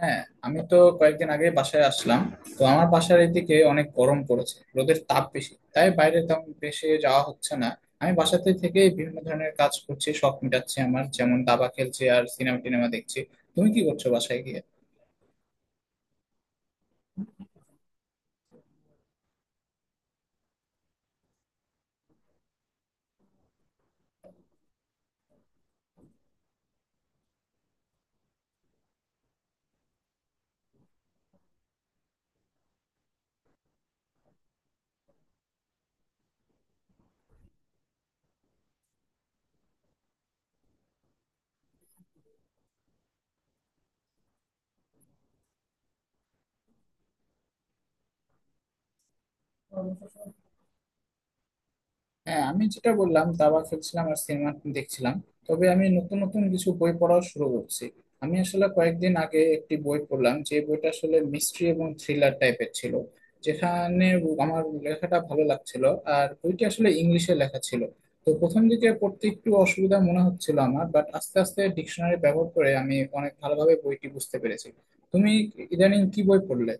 হ্যাঁ, আমি তো কয়েকদিন আগে বাসায় আসলাম। তো আমার বাসার এদিকে অনেক গরম পড়েছে, রোদের তাপ বেশি, তাই বাইরে তেমন বেশি যাওয়া হচ্ছে না। আমি বাসাতে থেকে বিভিন্ন ধরনের কাজ করছি, শখ মেটাচ্ছি আমার, যেমন দাবা খেলছি আর সিনেমা টিনেমা দেখছি। তুমি কি করছো বাসায় গিয়ে? হ্যাঁ, আমি যেটা বললাম, দাবা খেলছিলাম আর সিনেমা দেখছিলাম। তবে আমি নতুন নতুন কিছু বই পড়াও শুরু করছি। আমি আসলে কয়েকদিন আগে একটি বই পড়লাম, যে বইটা আসলে মিস্ট্রি এবং থ্রিলার টাইপের ছিল। যেখানে আমার লেখাটা ভালো লাগছিল। আর বইটি আসলে ইংলিশে লেখা ছিল। তো প্রথম দিকে পড়তে একটু অসুবিধা মনে হচ্ছিল আমার, বাট আস্তে আস্তে ডিকশনারি ব্যবহার করে আমি অনেক ভালোভাবে বইটি বুঝতে পেরেছি। তুমি ইদানিং কি বই পড়লে?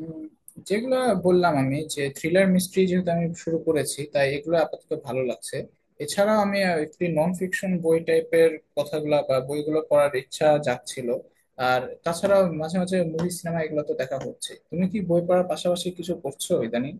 উম, যেগুলো বললাম আমি, যে থ্রিলার মিস্ট্রি যেহেতু আমি শুরু করেছি, তাই এগুলো আপাতত ভালো লাগছে। এছাড়াও আমি একটি নন ফিকশন বই টাইপের কথাগুলো বা বইগুলো পড়ার ইচ্ছা জাগছিল। আর তাছাড়াও মাঝে মাঝে মুভি সিনেমা এগুলো তো দেখা হচ্ছে। তুমি কি বই পড়ার পাশাপাশি কিছু করছো ইদানিং?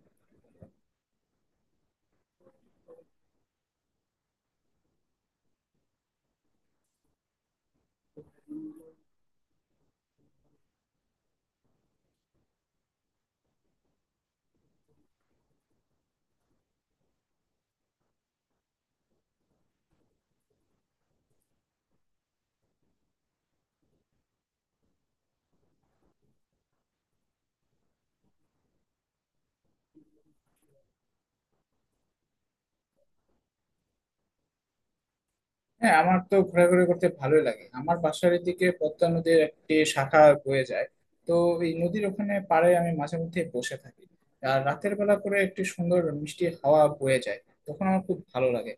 হ্যাঁ, আমার তো ঘোরাঘুরি করতে ভালোই লাগে। আমার বাসার এদিকে পদ্মা নদীর একটি শাখা বয়ে যায়। তো এই নদীর ওখানে পাড়ে আমি মাঝে মধ্যে বসে থাকি। আর রাতের বেলা করে একটি সুন্দর মিষ্টি হাওয়া বয়ে যায়, তখন আমার খুব ভালো লাগে।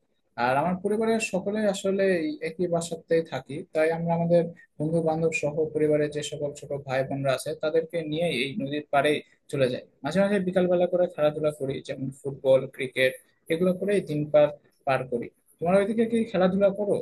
আর আমার পরিবারের সকলে আসলে এই একই বাসাতেই থাকি, তাই আমরা আমাদের বন্ধু বান্ধব সহ পরিবারের যে সকল ছোট ভাই বোনরা আছে তাদেরকে নিয়ে এই নদীর পাড়ে চলে যাই মাঝে মাঝে বিকালবেলা করে। খেলাধুলা করি, যেমন ফুটবল, ক্রিকেট, এগুলো করে দিন পার পার করি। তোমার ওইদিকে কি খেলাধুলা করো?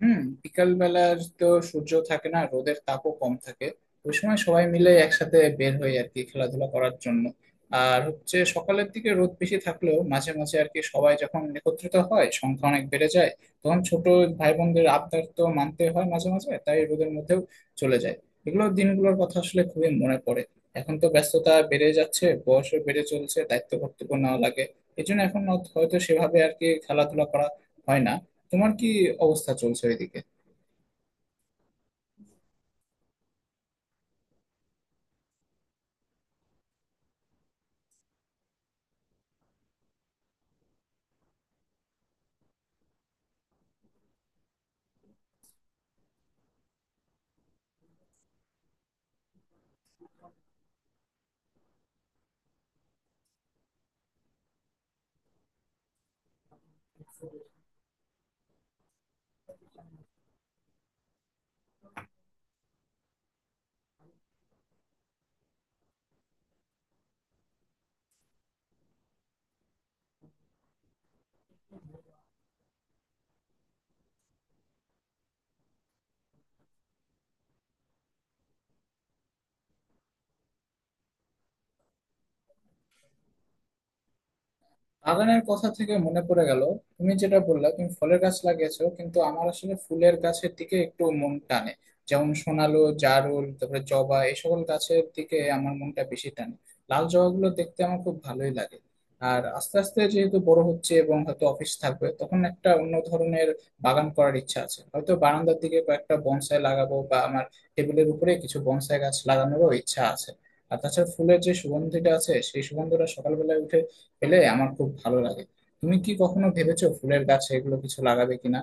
হুম। বিকাল বেলার তো সূর্য থাকে না, রোদের তাপও কম থাকে। ওই সময় সবাই মিলে একসাথে বের হই আর কি খেলাধুলা করার জন্য। আর হচ্ছে সকালের দিকে রোদ বেশি থাকলেও মাঝে মাঝে আর কি সবাই যখন একত্রিত হয়, সংখ্যা অনেক বেড়ে যায়। তখন ছোট ভাই বোনদের আবদার তো মানতে হয় মাঝে মাঝে, তাই রোদের মধ্যেও চলে যায়। এগুলো দিনগুলোর কথা আসলে খুবই মনে পড়ে। এখন তো ব্যস্ততা বেড়ে যাচ্ছে, বয়সও বেড়ে চলছে, দায়িত্ব কর্তব্য নেওয়া লাগে। এই জন্য এখন হয়তো সেভাবে আর কি খেলাধুলা করা হয় না। তোমার কি অবস্থা চলছে ওইদিকে? বাগানের কথা থেকে মনে পড়ে গেল, তুমি যেটা বললা তুমি ফলের গাছ লাগিয়েছো, কিন্তু আমার আসলে ফুলের গাছের দিকে একটু মন টানে। যেমন সোনালো, জারুল, তারপরে জবা, এই সকল গাছের দিকে আমার মনটা বেশি টানে। লাল জবাগুলো দেখতে আমার খুব ভালোই লাগে। আর আস্তে আস্তে যেহেতু বড় হচ্ছে এবং হয়তো অফিস থাকবে, তখন একটা অন্য ধরনের বাগান করার ইচ্ছা আছে। হয়তো বারান্দার দিকে কয়েকটা বনসাই লাগাবো, বা আমার টেবিলের উপরে কিছু বনসাই গাছ লাগানোরও ইচ্ছা আছে। আর তাছাড়া ফুলের যে সুগন্ধিটা আছে, সেই সুগন্ধটা সকালবেলায় উঠে পেলে আমার খুব ভালো লাগে। তুমি কি কখনো ভেবেছো ফুলের গাছ এগুলো কিছু লাগাবে কিনা?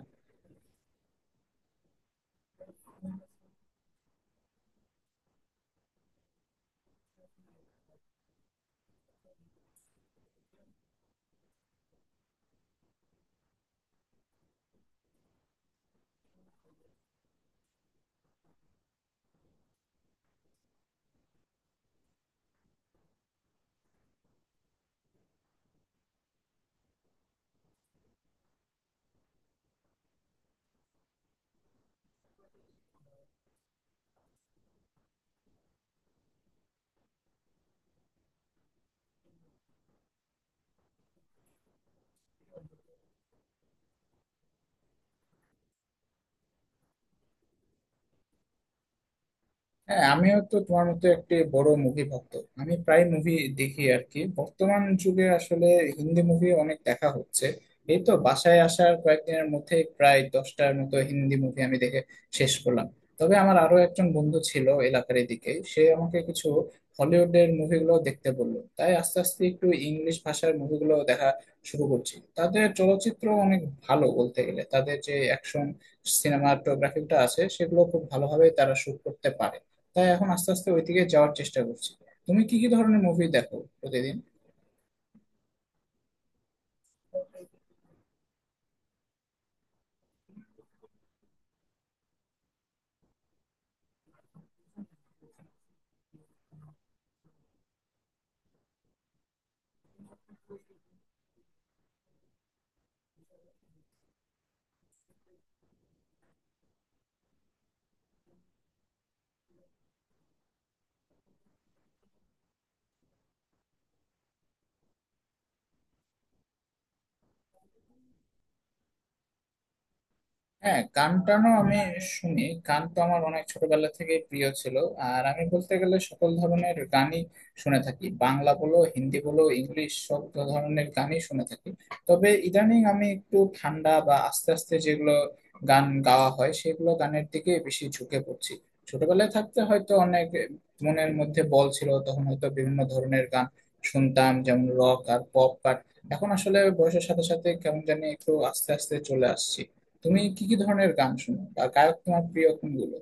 হ্যাঁ, আমিও তো তোমার মতো একটি বড় মুভি ভক্ত। আমি প্রায় মুভি দেখি আর কি। বর্তমান যুগে আসলে হিন্দি মুভি অনেক দেখা হচ্ছে। এই তো বাসায় আসার কয়েকদিনের মধ্যে প্রায় দশটার মতো হিন্দি মুভি আমি দেখে শেষ করলাম। তবে আমার আরো একজন বন্ধু ছিল এলাকার এদিকে, সে আমাকে কিছু হলিউডের মুভিগুলো দেখতে বললো, তাই আস্তে আস্তে একটু ইংলিশ ভাষার মুভিগুলো দেখা শুরু করছি। তাদের চলচ্চিত্র অনেক ভালো বলতে গেলে। তাদের যে অ্যাকশন, সিনেমাটোগ্রাফিটা আছে, সেগুলো খুব ভালোভাবে তারা শুট করতে পারে। তাই এখন আস্তে আস্তে ওই দিকে যাওয়ার চেষ্টা করছি। তুমি কি কি ধরনের মুভি দেখো প্রতিদিন? হ্যাঁ, গান টানও আমি শুনি। গান তো আমার অনেক ছোটবেলা থেকে প্রিয় ছিল। আর আমি বলতে গেলে সকল ধরনের গানই শুনে থাকি, বাংলা বলো, হিন্দি বলো, ইংলিশ, সব ধরনের গানই শুনে থাকি। তবে ইদানিং আমি একটু ঠান্ডা বা আস্তে আস্তে যেগুলো গান গাওয়া হয়, সেগুলো গানের দিকে বেশি ঝুঁকে পড়ছি। ছোটবেলায় থাকতে হয়তো অনেক মনের মধ্যে বল ছিল, তখন হয়তো বিভিন্ন ধরনের গান শুনতাম, যেমন রক আর পপ। আর এখন আসলে বয়সের সাথে সাথে কেমন জানি একটু আস্তে আস্তে চলে আসছি। তুমি কি কি ধরনের গান শোনো বা গায়ক তোমার প্রিয় কোনগুলো?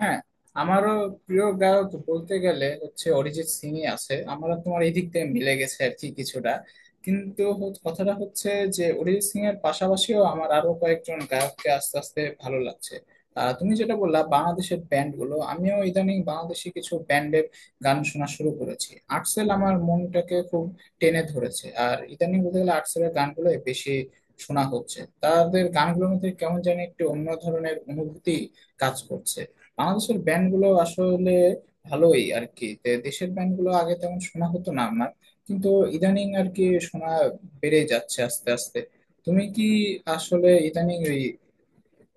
হ্যাঁ, আমারও প্রিয় গায়ক বলতে গেলে হচ্ছে অরিজিৎ সিংই আছে। আমরা তোমার এই দিক থেকে মিলে গেছে আর কি কিছুটা। কিন্তু কথাটা হচ্ছে যে অরিজিৎ সিং এর পাশাপাশিও আমার আরো কয়েকজন গায়ককে আস্তে আস্তে ভালো লাগছে। তুমি যেটা বললা বাংলাদেশের ব্যান্ড গুলো, আমিও ইদানিং বাংলাদেশি কিছু ব্যান্ডের গান শোনা শুরু করেছি। আর্টসেল আমার মনটাকে খুব টেনে ধরেছে। আর ইদানিং বলতে গেলে আর্টসেলের গানগুলো বেশি শোনা হচ্ছে। তাদের গানগুলোর মধ্যে কেমন যেন একটি অন্য ধরনের অনুভূতি কাজ করছে। বাংলাদেশের ব্যান্ড গুলো আসলে ভালোই আর কি। তে দেশের ব্যান্ড গুলো আগে তেমন শোনা হতো না আমার, কিন্তু ইদানিং আর কি শোনা বেড়ে যাচ্ছে আস্তে আস্তে। তুমি কি আসলে ইদানিং ওই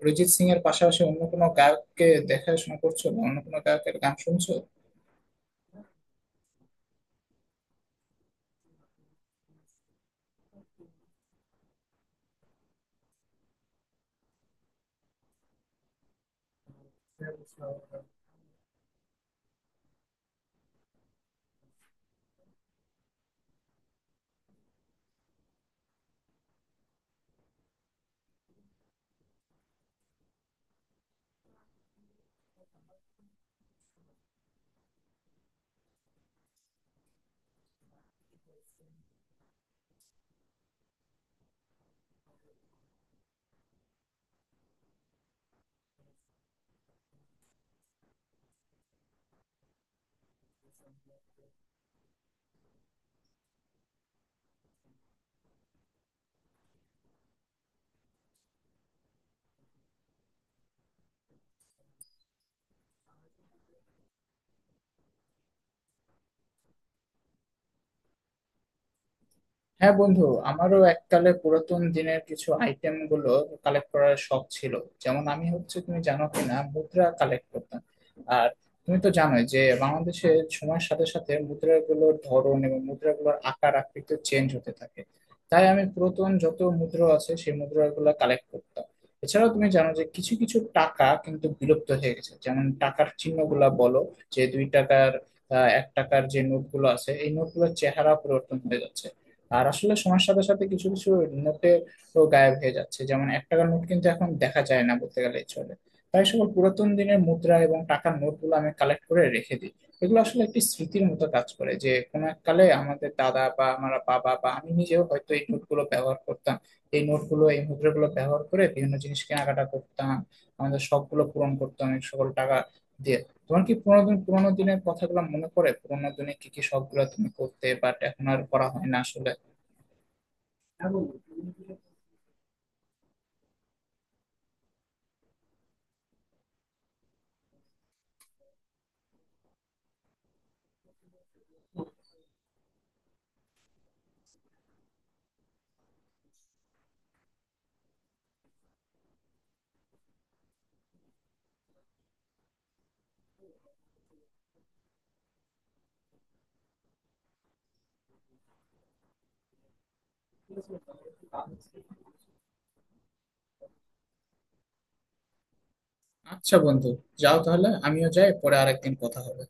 অরিজিৎ সিং এর পাশাপাশি অন্য কোনো গায়ককে দেখাশোনা করছো বা অন্য কোনো গায়কের গান শুনছো? হ্যাঁ বন্ধু, আমারও এককালে পুরাতন দিনের কিছু আইটেম গুলো কালেক্ট করার শখ ছিল। যেমন আমি হচ্ছে, তুমি জানো কিনা, মুদ্রা কালেক্ট করতাম। আর তুমি তো জানোই যে বাংলাদেশের সময়ের সাথে সাথে মুদ্রাগুলোর ধরন এবং মুদ্রাগুলোর আকার আকৃতি চেঞ্জ হতে থাকে। তাই আমি পুরাতন যত মুদ্রা আছে, সেই মুদ্রাগুলো কালেক্ট করতাম। এছাড়াও তুমি জানো যে কিছু কিছু টাকা কিন্তু বিলুপ্ত হয়ে গেছে, যেমন টাকার চিহ্নগুলা বলো, যে দুই টাকার, এক টাকার যে নোটগুলো আছে, এই নোটগুলোর চেহারা পরিবর্তন হয়ে যাচ্ছে। আর আসলে সময়ের সাথে সাথে কিছু কিছু নোটে তো গায়েব হয়ে যাচ্ছে, যেমন এক টাকার নোট কিন্তু এখন দেখা যায় না বলতে গেলে চলে। তাই সকল পুরাতন দিনের মুদ্রা এবং টাকার নোটগুলো আমি কালেক্ট করে রেখে দিই। এগুলো আসলে একটি স্মৃতির মতো কাজ করে, যে কোনো এক কালে আমাদের দাদা বা আমার বাবা বা আমি নিজেও হয়তো এই নোটগুলো ব্যবহার করতাম। এই নোটগুলো, এই মুদ্রাগুলো ব্যবহার করে বিভিন্ন জিনিস কেনাকাটা করতাম, আমাদের শখগুলো পূরণ করতাম এই সকল টাকা দিয়ে। তোমার কি পুরোনো দিনের কথাগুলো মনে পড়ে? পুরোনো দিনে কি কি শখ গুলো তুমি করতে বাট এখন আর করা হয় না আসলে? হ্যাঁ বন্ধু, আচ্ছা বন্ধু, যাও তাহলে, আমিও যাই, পরে আরেকদিন কথা হবে।